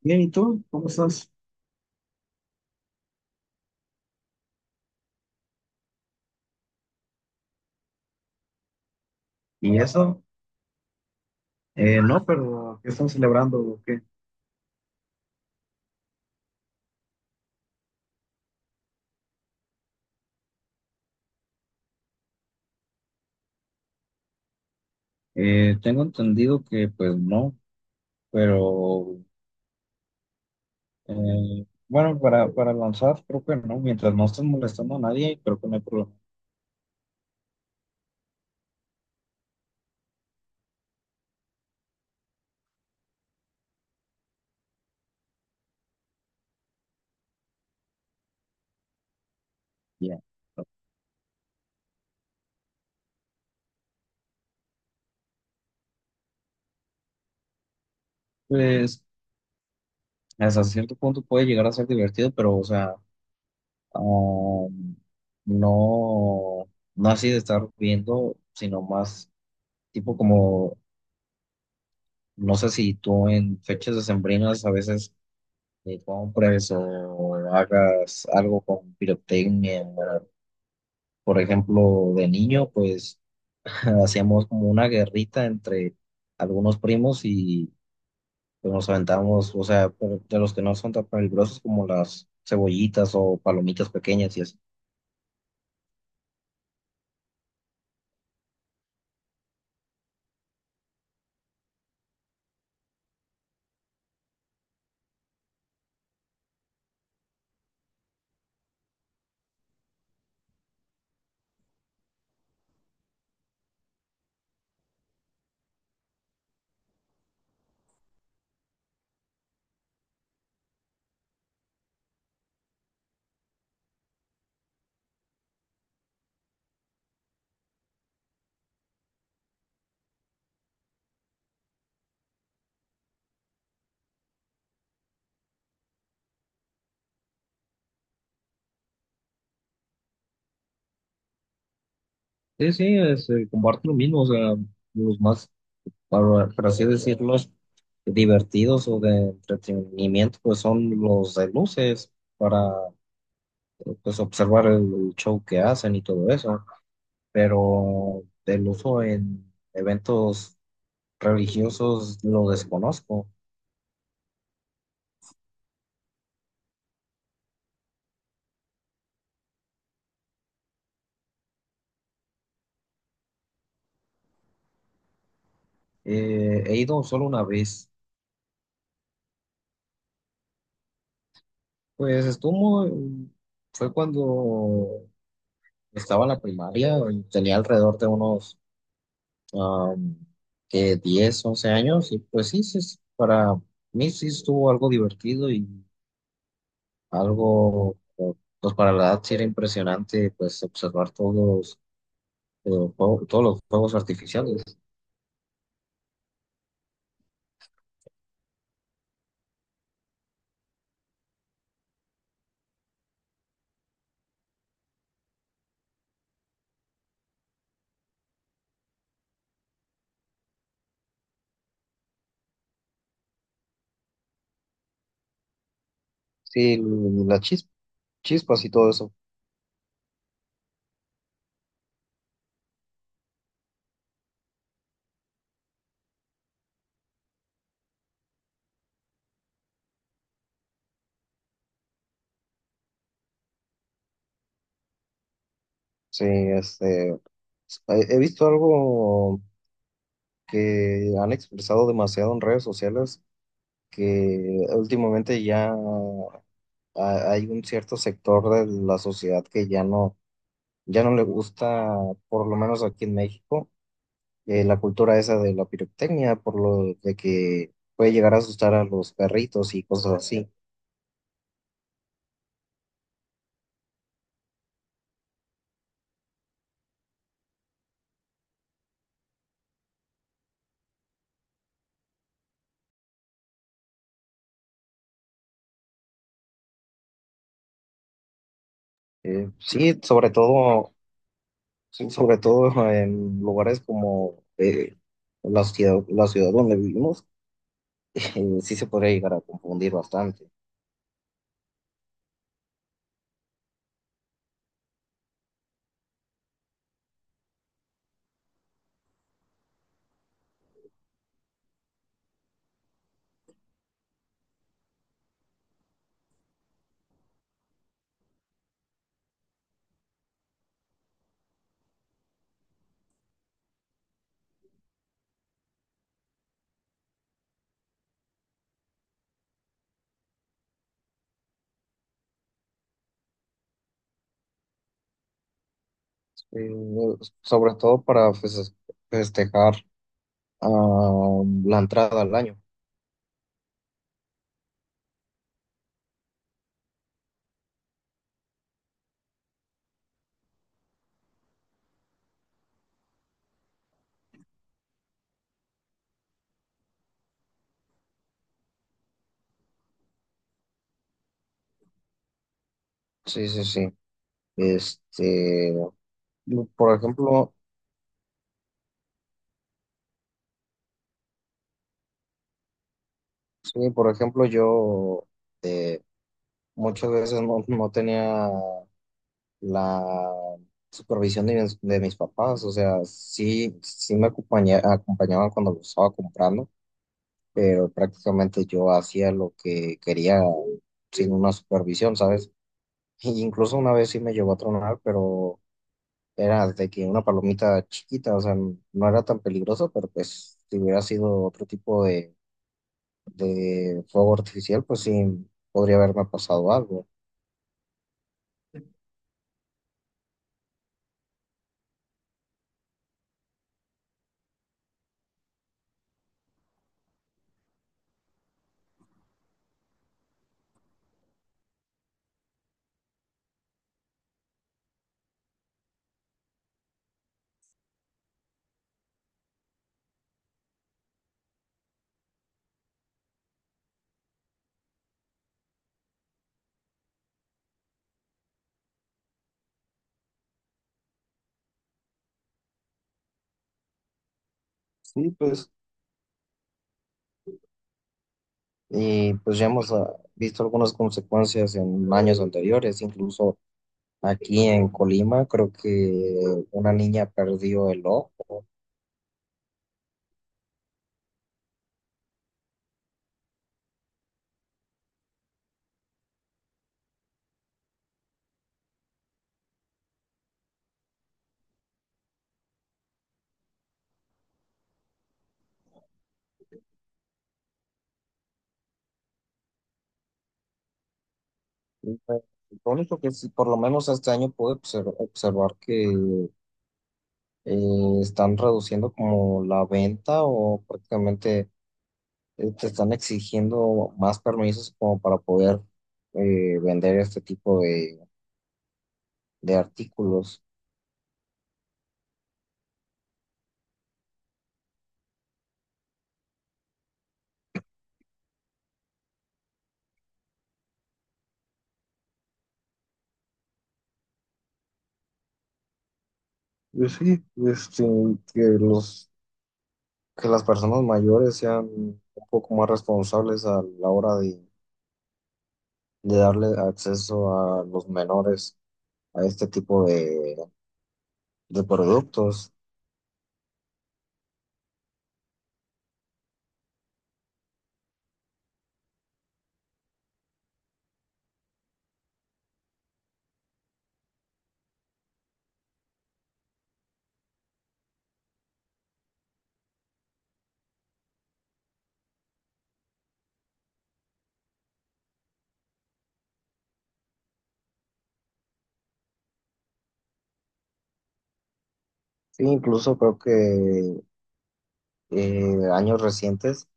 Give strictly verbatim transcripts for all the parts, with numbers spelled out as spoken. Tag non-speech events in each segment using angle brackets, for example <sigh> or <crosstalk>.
Bien, ¿y tú? ¿Cómo estás? ¿Y eso? Eh, no, pero ¿qué están celebrando o qué? Eh, tengo entendido que pues no, pero eh, bueno, para, para lanzar creo que no, mientras no estés molestando a nadie, creo que no hay problema. Ya. Pues hasta cierto punto puede llegar a ser divertido, pero o sea, um, no, no así de estar viendo, sino más tipo como, no sé si tú en fechas decembrinas a veces que compres o hagas algo con pirotecnia, ¿verdad? Por ejemplo, de niño, pues <laughs> hacíamos como una guerrita entre algunos primos y pues, nos aventamos, o sea, pero de los que no son tan peligrosos como las cebollitas o palomitas pequeñas y así. Sí, sí, es, eh, comparto lo mismo, o sea, los más, para- por así decirlo, divertidos o de entretenimiento, pues son los de luces para pues observar el show que hacen y todo eso, pero el uso en eventos religiosos lo desconozco. Eh, he ido solo una vez, pues estuvo, muy- fue cuando estaba en la primaria, tenía alrededor de unos am, que diez, once años, y pues sí, sí, sí, para mí sí estuvo algo divertido y algo, pues para la edad sí era impresionante, pues observar todos pero juego- todos los juegos artificiales. Sí, las chis- chispas y todo eso. Sí, este, he he visto algo que han expresado demasiado en redes sociales, que últimamente ya ha- hay un cierto sector de la sociedad que ya no, ya no le gusta, por lo menos aquí en México, eh, la cultura esa de la pirotecnia, por lo de que puede llegar a asustar a los perritos y cosas así. Eh, sí, sobre todo Sí, sobre todo en lugares como eh, la ciudad, la ciudad donde vivimos, eh, sí se podría llegar a confundir bastante. Eh, Sobre todo para fes- festejar ah, la entrada al año. Sí, sí, sí. Este, por ejemplo, sí, por ejemplo, yo eh, muchas veces no, no tenía la supervisión de mis, de mis papás, o sea, sí, sí me acompaña- acompañaban cuando lo estaba comprando, pero prácticamente yo hacía lo que quería sin una supervisión, ¿sabes? <laughs> Y incluso una vez sí me llegó a tronar, pero era de que una palomita chiquita, o sea, no era tan peligroso, pero pues si hubiera sido otro tipo de, de fuego artificial, pues sí podría haberme pasado algo. Sí, pues y pues ya hemos ah, visto algunas consecuencias en años anteriores, incluso aquí en Colima, creo que una niña perdió el ojo. Y, pues, lo único que sí, por lo menos este año pude observ- observar que eh, están reduciendo como la venta, o prácticamente eh, te están exigiendo más permisos como para poder eh, vender este tipo de, de artículos. Y sí, este, que los, que las personas mayores sean un poco más responsables a la hora de, de darle acceso a los menores a este tipo de, de productos. Sí, incluso creo que eh, años recientes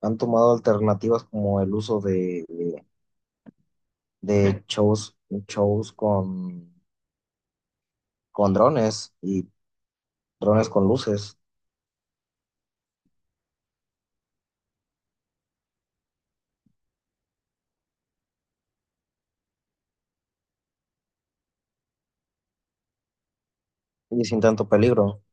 han tomado alternativas como el uso de, de shows, shows con, con drones y drones con luces y sin tanto peligro,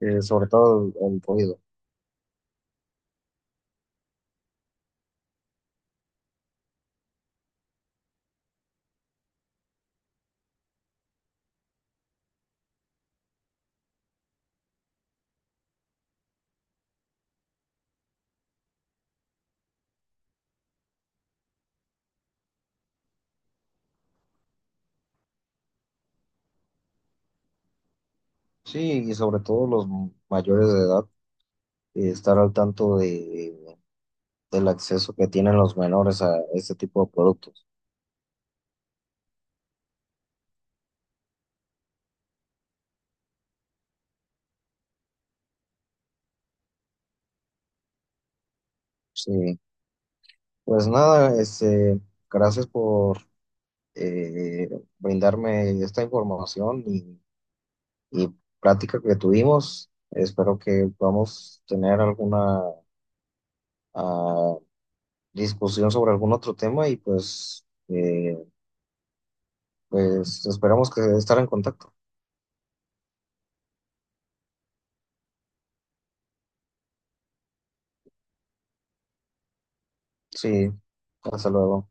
eh, sobre todo el, el ruido. Sí, y sobre todo los mayores de edad, eh, estar al tanto de, del acceso que tienen los menores a este tipo de productos. Sí, pues nada, este, gracias por eh, brindarme esta información, y, y plática que tuvimos. Espero que podamos tener alguna ah, discusión sobre algún otro tema y pues, eh, pues esperamos que estar en contacto. Sí, hasta luego.